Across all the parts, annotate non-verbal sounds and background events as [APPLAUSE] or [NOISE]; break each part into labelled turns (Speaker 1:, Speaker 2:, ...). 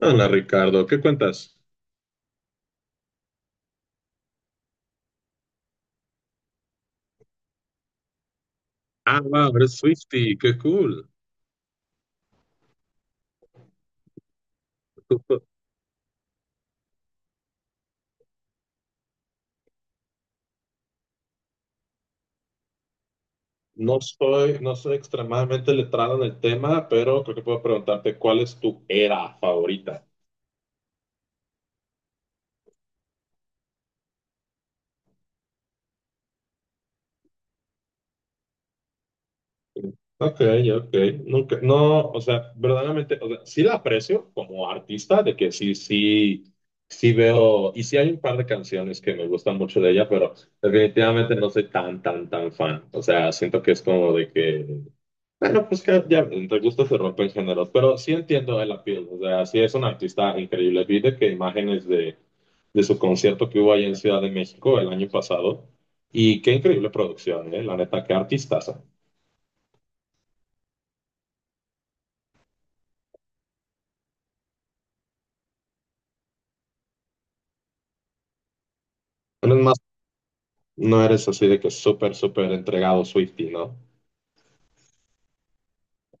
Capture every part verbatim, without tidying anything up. Speaker 1: Hola Ricardo, ¿qué cuentas? Ah, wow, eres Swifty, qué cool. No soy, no soy extremadamente letrado en el tema, pero creo que puedo preguntarte cuál es tu era favorita. Ok, ok. Nunca, no, o sea, verdaderamente, o sea, sí la aprecio como artista, de que sí, sí, sí veo, y sí hay un par de canciones que me gustan mucho de ella, pero definitivamente no soy tan, tan, tan fan. O sea, siento que es como de que bueno, pues que ya entre gustos se rompen géneros, pero sí entiendo el appeal, o sea, sí es un artista increíble. Vi de que imágenes de, de su concierto que hubo ahí en Ciudad de México el año pasado, y qué increíble producción, ¿eh? La neta, qué artistaza. No es más, no eres así de que súper, súper entregado Swiftie, ¿no?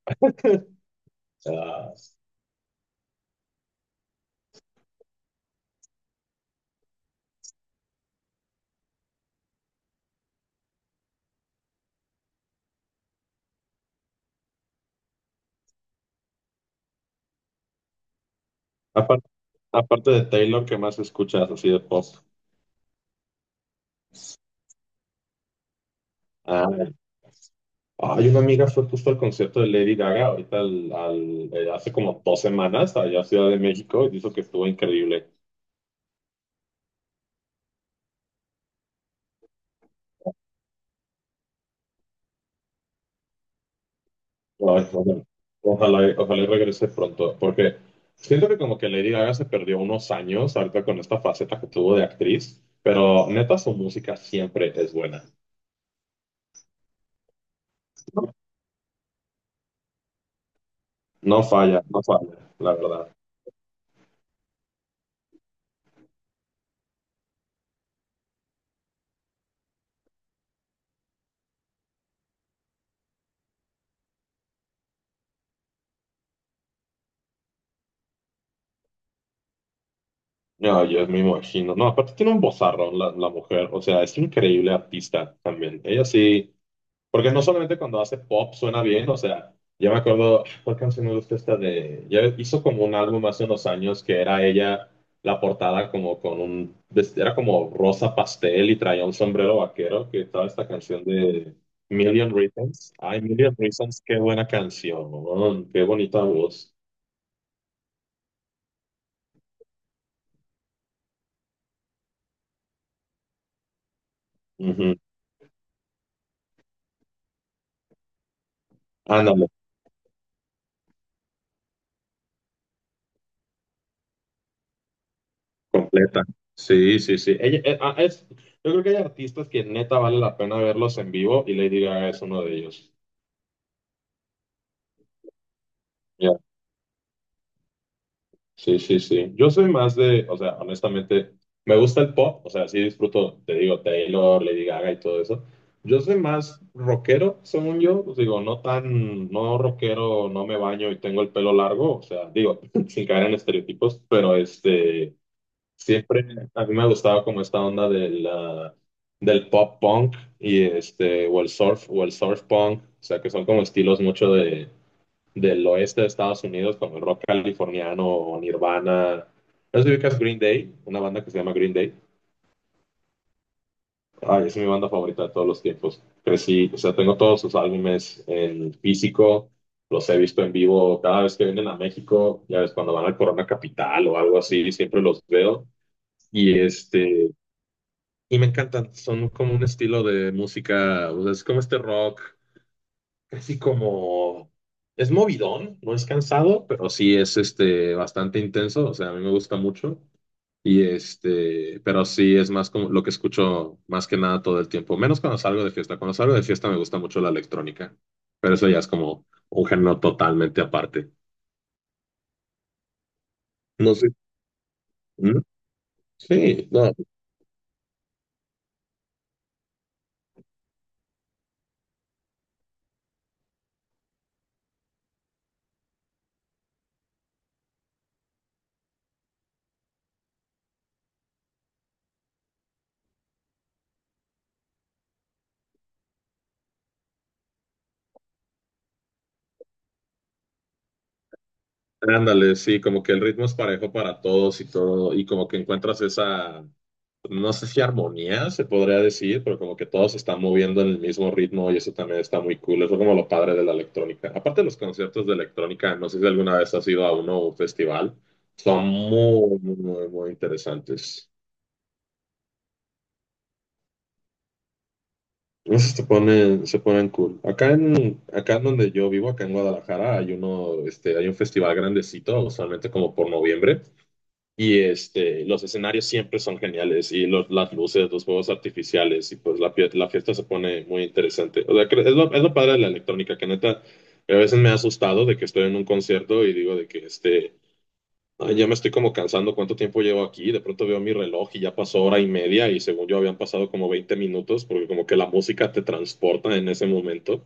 Speaker 1: [LAUGHS] Ah, aparte, aparte de Taylor, ¿qué más escuchas así de pop? Ah, hay una amiga fue justo al concierto de Lady Gaga, ahorita al- al- eh, hace como dos semanas, allá a Ciudad de México, y dijo que estuvo increíble. Ay, bueno, ojalá, ojalá y regrese pronto, porque siento que como que Lady Gaga se perdió unos años ahorita con esta faceta que tuvo de actriz, pero neta su música siempre es buena. No falla, no falla, la verdad. No, yo me imagino. No, aparte tiene un vozarrón la, la mujer, o sea, es increíble artista también. Ella sí. Porque no solamente cuando hace pop suena bien, o sea, yo me acuerdo, ¿cuál canción me gusta esta de...? Ya hizo como un álbum hace unos años que era ella, la portada como con un... vest- Era como rosa pastel y traía un sombrero vaquero, que estaba esta canción de Million Reasons. Ay, Million Reasons, qué buena canción, qué bonita voz. Ujú. Ándale, completa. Sí, sí, sí. Ella, eh, ah, es, yo creo que hay artistas que neta vale la pena verlos en vivo y Lady Gaga es uno de ellos. Sí, sí, sí. Yo soy más de, o sea, honestamente, me gusta el pop, o sea, sí disfruto, te digo, Taylor, Lady Gaga y todo eso. Yo soy más rockero, según yo, pues digo, no tan, no rockero, no me baño y tengo el pelo largo, o sea, digo, [LAUGHS] sin caer en estereotipos, pero este, siempre a mí me ha gustado como esta onda de la- del pop punk y este, o el surf, o el surf punk, o sea, que son como estilos mucho del oeste de Estados Unidos, como el rock californiano o Nirvana. No sé si ubicas Green Day, una banda que se llama Green Day. Ay, es mi banda favorita de todos los tiempos. Crecí, o sea, tengo todos sus álbumes en físico, los he visto en vivo cada vez que vienen a México, ya ves, cuando van al Corona Capital o algo así, siempre los veo. Y este, y me encantan, son como un estilo de música, o sea, es como este rock casi como... Es movidón, no es cansado, pero sí es este bastante intenso, o sea, a mí me gusta mucho. Y este, pero sí es más como lo que escucho más que nada todo el tiempo, menos cuando salgo de fiesta. Cuando salgo de fiesta me gusta mucho la electrónica, pero eso ya es como un género totalmente aparte. No sé. ¿Mm? Sí, no. Ándale, sí, como que el ritmo es parejo para todos y todo, y como que encuentras esa, no sé si armonía se podría decir, pero como que todos se están moviendo en el mismo ritmo y eso también está muy cool, eso es como lo padre de la electrónica. Aparte de los conciertos de electrónica, no sé si alguna vez has ido a uno o un festival, son muy, muy, muy, muy interesantes. Esos se ponen, se ponen cool. Acá en, acá en donde yo vivo, acá en Guadalajara, hay uno, este, hay un festival grandecito, usualmente como por noviembre. Y este, los escenarios siempre son geniales y los, las luces, los juegos artificiales y pues la, pie- la fiesta se pone muy interesante. O sea, cre- es lo, es lo padre de la electrónica, que neta, a veces me ha asustado de que estoy en un concierto y digo de que este, "Ay, ya me estoy como cansando, ¿cuánto tiempo llevo aquí?" De pronto veo mi reloj y ya pasó hora y media y según yo habían pasado como veinte minutos porque como que la música te transporta en ese momento.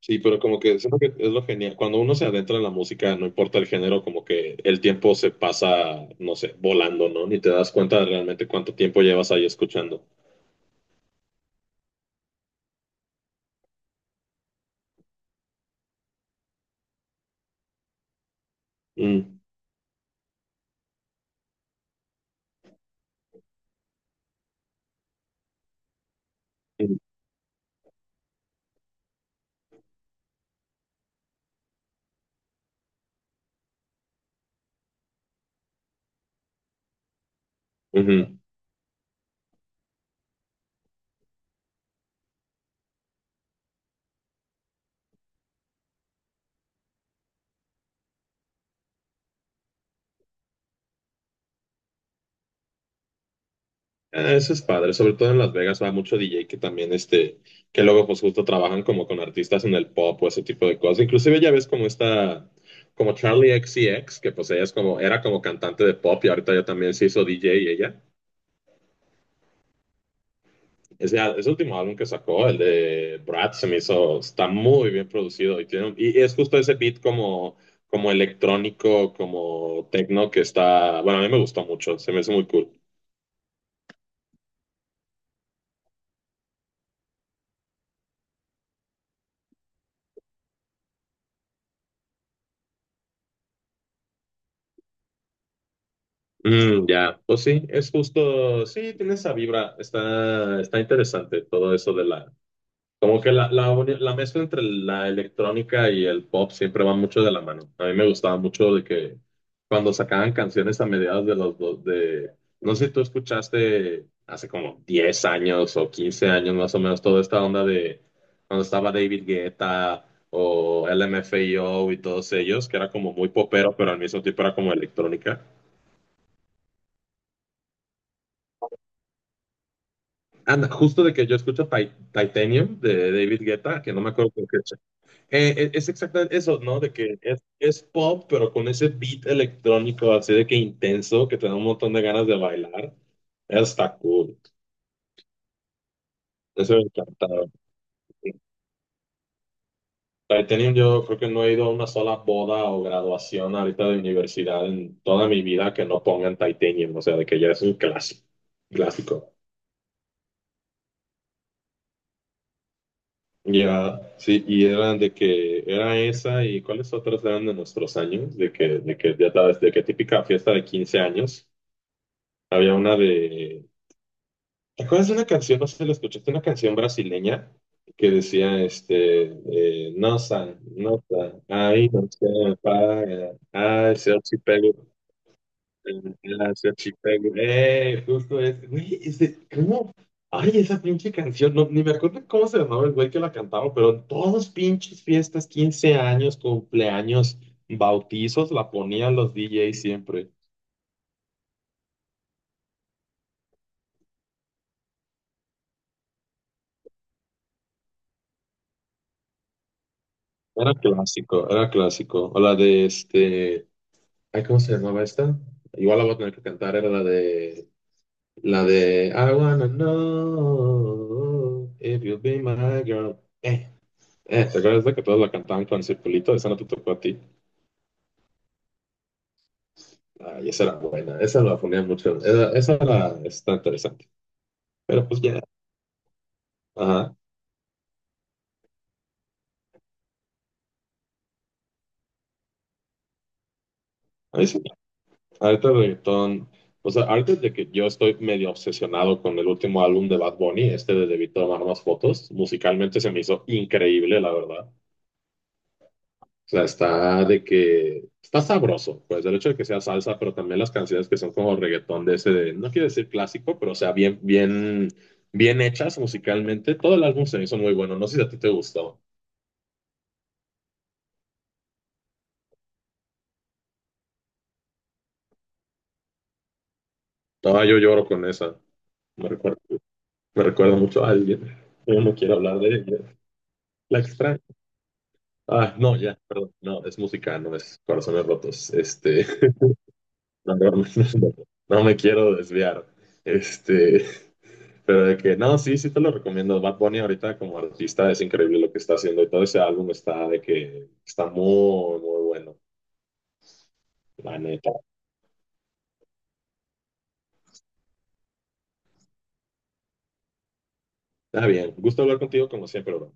Speaker 1: Sí, pero como que siento que es lo genial. Cuando uno se adentra en la música, no importa el género, como que el tiempo se pasa, no sé, volando, ¿no? Ni te das cuenta de realmente cuánto tiempo llevas ahí escuchando. Mm, mm, ujú. Ah, eso es padre, sobre todo en Las Vegas va mucho D J que también, este, que luego pues justo trabajan como con artistas en el pop o ese tipo de cosas. Inclusive ya ves como esta, como Charlie X C X que pues ella es como, era como cantante de pop y ahorita ya también se hizo D J ella. Ese, al- ese último álbum que sacó, el de Brad, se me hizo, está muy bien producido y, tiene, un- y es justo ese beat como, como electrónico, como techno que está, bueno, a mí me gustó mucho, se me hizo muy cool. Mm, ya, pues sí, es justo, sí, tiene esa vibra, está, está interesante todo eso de la, como que la, la, uni- la mezcla entre la electrónica y el pop siempre va mucho de la mano. A mí me gustaba mucho de que cuando sacaban canciones a mediados de los dos, de, no sé si tú escuchaste hace como diez años o quince años más o menos toda esta onda de cuando estaba David Guetta o L M F A O y todos ellos, que era como muy popero, pero al mismo tiempo era como electrónica. Anda, justo de que yo escucho Ti- Titanium de David Guetta, que no me acuerdo. Eh, e- es exactamente eso, ¿no? De que es, es pop, pero con ese beat electrónico así de que intenso, que te da un montón de ganas de bailar. Está cool. Eso me encantaba. Titanium, yo creo que no he ido a una sola boda o graduación ahorita de universidad en toda mi vida que no pongan Titanium, o sea, de que ya es un clásico. Clásico. Ya, sí, y eran de que era esa y cuáles otras eran de nuestros años, de que, de que ya sabes, de que típica fiesta de quince años. Había una de ¿te acuerdas de una canción? No sé si la escuchaste, una canción brasileña que decía, este, eh, nosa, nota, ahí no se paga, ah, ese archipélago, ah, ese archipélago, eh, justo ese, güey, ese, ¿cómo? Ay, esa pinche canción, no, ni me acuerdo cómo se llamaba el güey que la cantaba, pero en todas pinches fiestas, quince años, cumpleaños, bautizos, la ponían los D Js siempre. Era clásico, era clásico. O la de este. Ay, ¿cómo se llamaba esta? Igual la voy a tener que cantar, era la de... La de... I wanna know if you'll be my girl. Eh, eh, ¿te acuerdas de que todos la cantaban con circulito? Esa no te tocó a ti. Ay, esa era buena. Esa la ponía mucho. Esa, esa era, está interesante. Pero pues ya. Ajá. A mí sí. Ahorita el reggaetón... O sea, ahorita de que yo estoy medio obsesionado con el último álbum de Bad Bunny, este de Debí tomar más fotos, musicalmente se me hizo increíble, la verdad. O sea, está de que está sabroso, pues el hecho de que sea salsa, pero también las canciones que son como reggaetón de ese, de, no quiero decir clásico, pero o sea, bien, bien, bien hechas musicalmente. Todo el álbum se me hizo muy bueno. No sé si a ti te gustó. No, yo lloro con esa. Me recuerda, me recuerda mucho a alguien. Yo no quiero hablar de ella. La extraño. Ah, no, ya, perdón. No, es música, no es corazones rotos. Este, [LAUGHS] no, no, no, no no me quiero desviar. Este, pero de que, no, sí, sí te lo recomiendo. Bad Bunny ahorita como artista es increíble lo que está haciendo y todo ese álbum está de que está muy, muy bueno, la neta. Está bien. Gusto hablar contigo como siempre, bro.